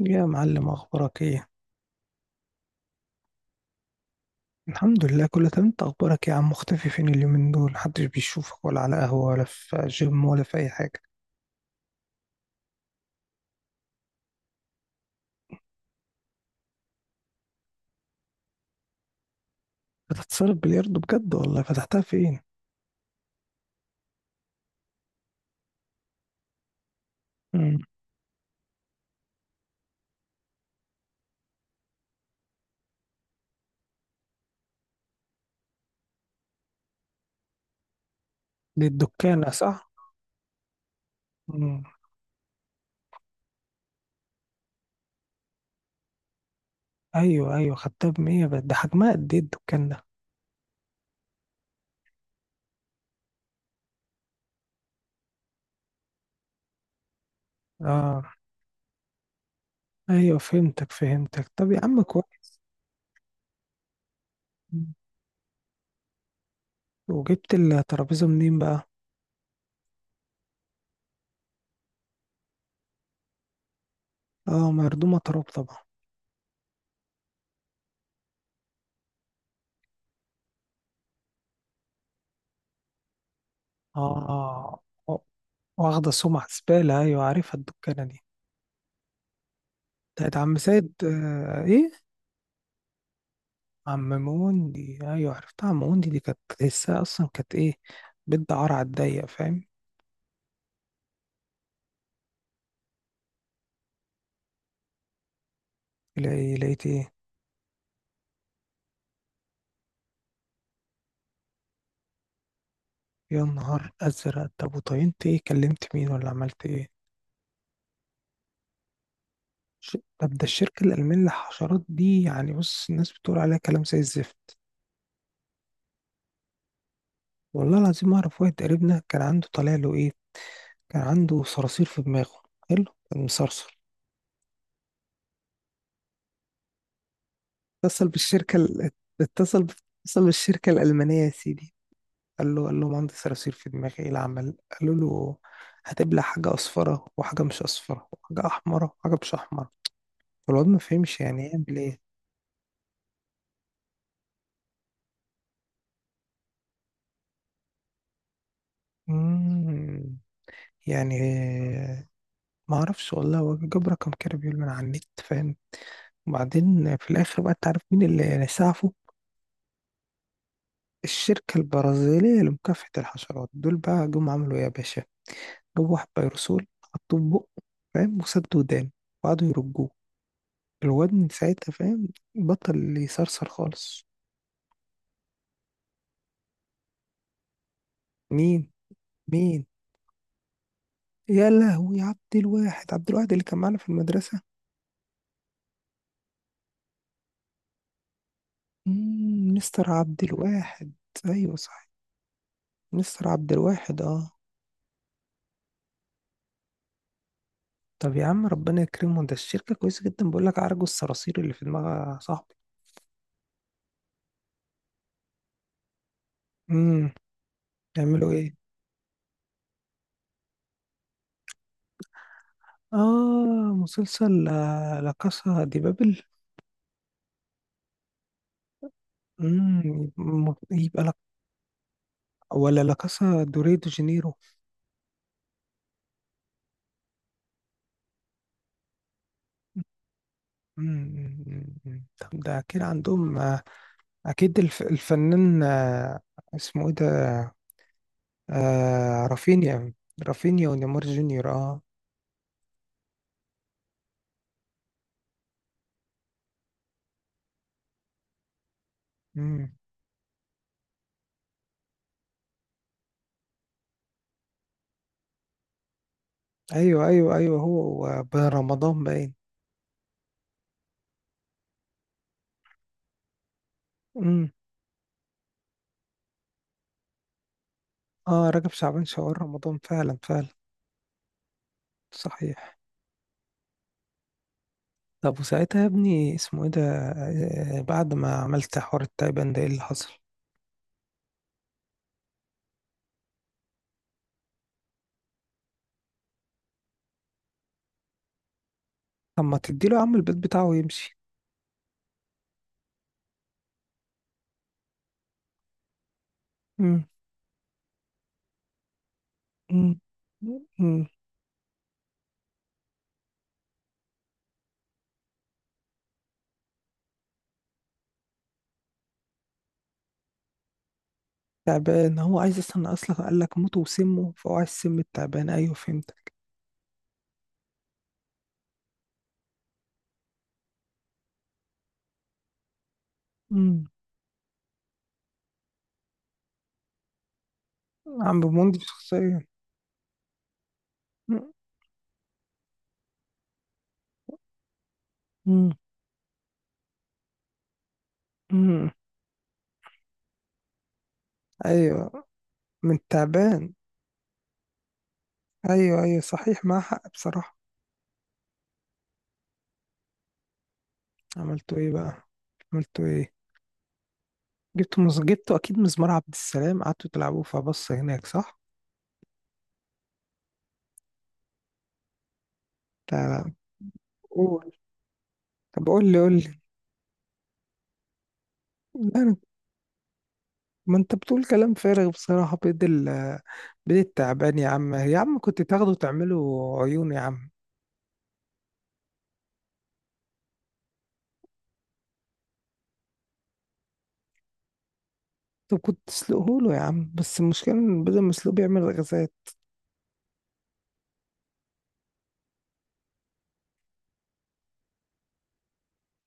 يا معلم اخبارك ايه؟ الحمد لله كله تمام. انت اخبارك ايه يا عم؟ مختفي فين اليومين دول؟ محدش بيشوفك ولا على قهوة ولا في جيم ولا في اي حاجة. بتتصرف بلياردو بجد؟ والله فتحتها فين؟ امم. دي الدكانة صح؟ امم. ايوه ايوه، خدتها بمية؟ بقت ده حجمها قد ايه الدكان ده؟ اه. ايوه فهمتك فهمتك، طب يا عم كويس. مم. وجبت الترابيزة منين بقى؟ اه مردومة تراب طبعا. اه واخدة سمعة زبالة، ايوه عارفها الدكانة دي، بتاعت عم سيد. آه ايه؟ عم موندي، ايوه عرفتها، عم موندي دي كانت تحسها اصلا، كانت ايه، بنت عار على الضيق، فاهم. لقيت ايه؟ يا نهار ازرق، طب وطينت ايه؟ كلمت مين؟ ولا عملت ايه؟ طب ده الشركه الالمانيه للحشرات دي يعني، بص الناس بتقول عليها كلام زي الزفت. والله العظيم اعرف واحد قريبنا كان عنده طالع له ايه، كان عنده صراصير في دماغه. حلو. كان مصرصر. اتصل بالشركه ال- اتصل اتصل بالشركه الالمانيه يا سيدي. قال له مهندس صراصير في دماغي ايه العمل، قالوا له هتبلع حاجة أصفرة وحاجة مش أصفرة وحاجة أحمرة وحاجة مش أحمرة. فالواد ما فهمش يعني ايه يعمل ايه. مم، يعني. ما اعرفش والله، هو جاب رقم كده بيقول من على النت، فاهم. وبعدين في الاخر بقى تعرف مين اللي سعفه؟ الشركة البرازيلية لمكافحة الحشرات. دول بقى جم عملوا ايه يا باشا؟ جابوا واحد بيرسول حطوه في بقه، فاهم، وسد ودان، وقعدوا يرجوه. الواد من ساعتها، فاهم، بطل يصرصر خالص. مين؟ مين؟ يا لهوي، عبد الواحد؟ عبد الواحد اللي كان معانا في المدرسة؟ مم، مستر عبد الواحد. ايوه صح، مستر عبد الواحد، اه. طب يا عم ربنا يكرمه، ده الشركة كويسة جدا، بقول لك عرجوا الصراصير اللي في دماغها صاحبي. امم. يعملوا ايه؟ اه مسلسل. آه، لا كاسا دي بابل. امم. يبقى يبقى لك، ولا لا كاسا دوري دو جانيرو. مم، مم، مم. طب ده أكيد عندهم، آه، أكيد الفنان، آه، اسمه إيه ده؟ آه، رافينيا. رافينيا ونيمار جونيور، أه. مم. أيوه أيوه أيوه، هو بن رمضان باين. مم. أه رجب شعبان شوال رمضان، فعلا فعلا. صحيح. طب وساعتها يا ابني اسمه إيه ده؟ آه، بعد ما عملت حوار التايبان ده إيه اللي حصل؟ طب ما تديله يا عم البيت بتاعه ويمشي. مم. مم. مم. تعبان، هو عايز اصلا، اصلا قال لك موته وسمه، فهو عايز سم التعبان، ايوه فهمتك. امم. عم بموند شخصيا. مم. مم. مم. ايوه. من التعبان. ايوه ايوه صحيح، معاه حق بصراحه. عملتوا ايه بقى؟ عملتوا ايه؟ جبتوا اكيد مزمار عبد السلام قعدتوا تلعبوه فبص هناك، صح؟ لا لا. قول. طب قول لي قول لي. لا، ما انت بتقول كلام فارغ بصراحه، بيد التعبان يا عم، يا عم كنت تاخده تعمله عيون يا عم. طب كنت تسلقه له يا عم، بس المشكلة إن بدل ما يسلقه بيعمل غازات.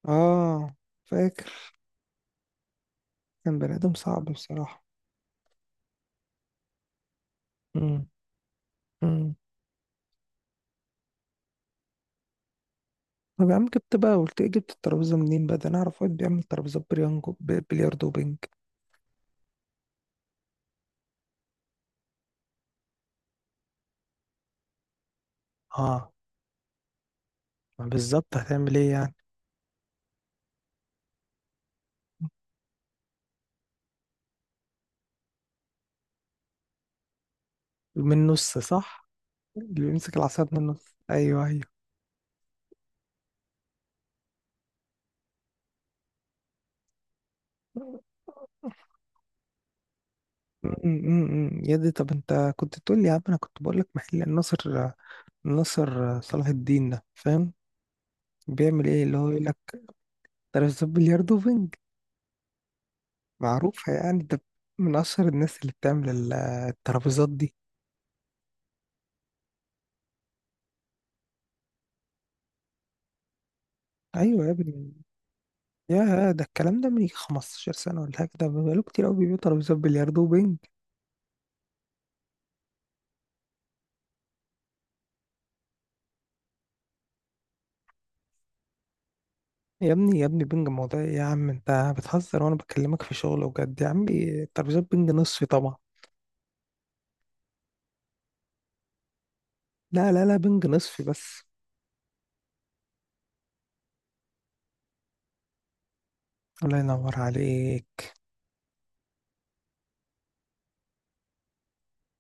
اه فاكر، كان بني آدم صعب بصراحة. مم. مم. طب يا عم جبت بقى، قلت ايه، جبت الترابيزة منين بقى؟ ده أنا أعرف واحد بيعمل ترابيزات بريانجو، بلياردو وبنج. اه. ما بالظبط هتعمل ايه يعني؟ من النص، صح؟ اللي بيمسك العصاية من النص، أيوه أيوه. امم، يا دي. طب انت كنت تقول لي يا عم، انا كنت بقول لك محل الناصر، الناصر صلاح الدين ده، فاهم، بيعمل ايه اللي هو يقول لك ترابيزات بلياردو وبنج، معروفة يعني، ده من أشهر الناس اللي بتعمل الترابيزات دي. أيوة يا ابني، يا ده الكلام ده من يجي 15 سنة ولا حاجة، ده بقاله كتير أوي بيبيعوا ترابيزات بلياردو وبينج. يا ابني يا ابني، بينج موضوع إيه يا عم؟ أنت بتهزر وأنا بكلمك في شغل وجد، يا عمي ترابيزات بينج نصفي طبعا. لا لا لا، بينج نصفي بس. الله ينور عليك.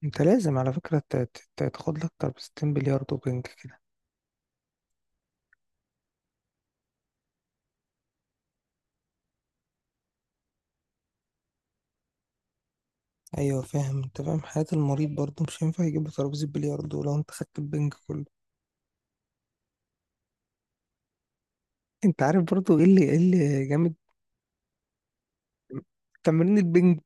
أنت لازم على فكرة تاخد لك ترابيزتين بلياردو وبينج كده. أيوة فاهم، أنت فاهم حياة المريض برضه، مش هينفع يجيب له ترابيزة بلياردو لو أنت خدت البنج كله. انت عارف برضو ايه اللي جامد؟ تمرين البنج.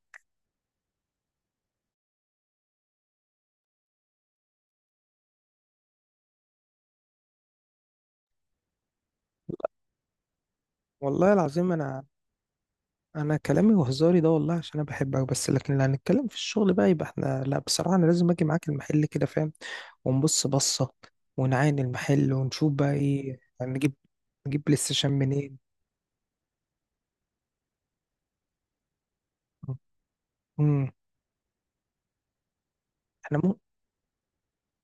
والله العظيم انا كلامي وهزاري ده والله عشان انا بحبك بس، لكن لو هنتكلم في الشغل بقى يبقى احنا، لا بصراحة انا لازم اجي معاك المحل كده، فاهم، ونبص بصة ونعاين المحل ونشوف بقى ايه هنجيب. نجيب بلاي ستيشن منين؟ امم. احنا مو...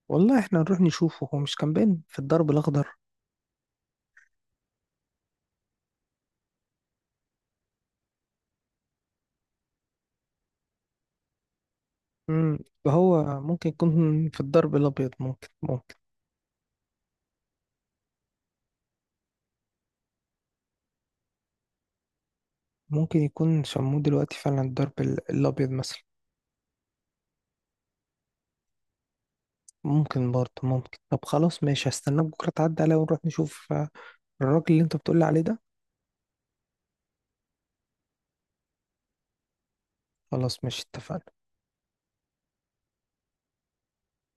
والله احنا نروح نشوفه، هو مش كان باين في الدرب الاخضر؟ امم. فهو ممكن يكون في الدرب الابيض، ممكن ممكن. ممكن يكون شموه دلوقتي فعلا الدرب الابيض مثلا. ممكن برضه، ممكن. طب خلاص ماشي، هستناك بكرة تعدي عليا ونروح نشوف، آه، الراجل اللي انت بتقولي عليه ده. خلاص ماشي اتفقنا.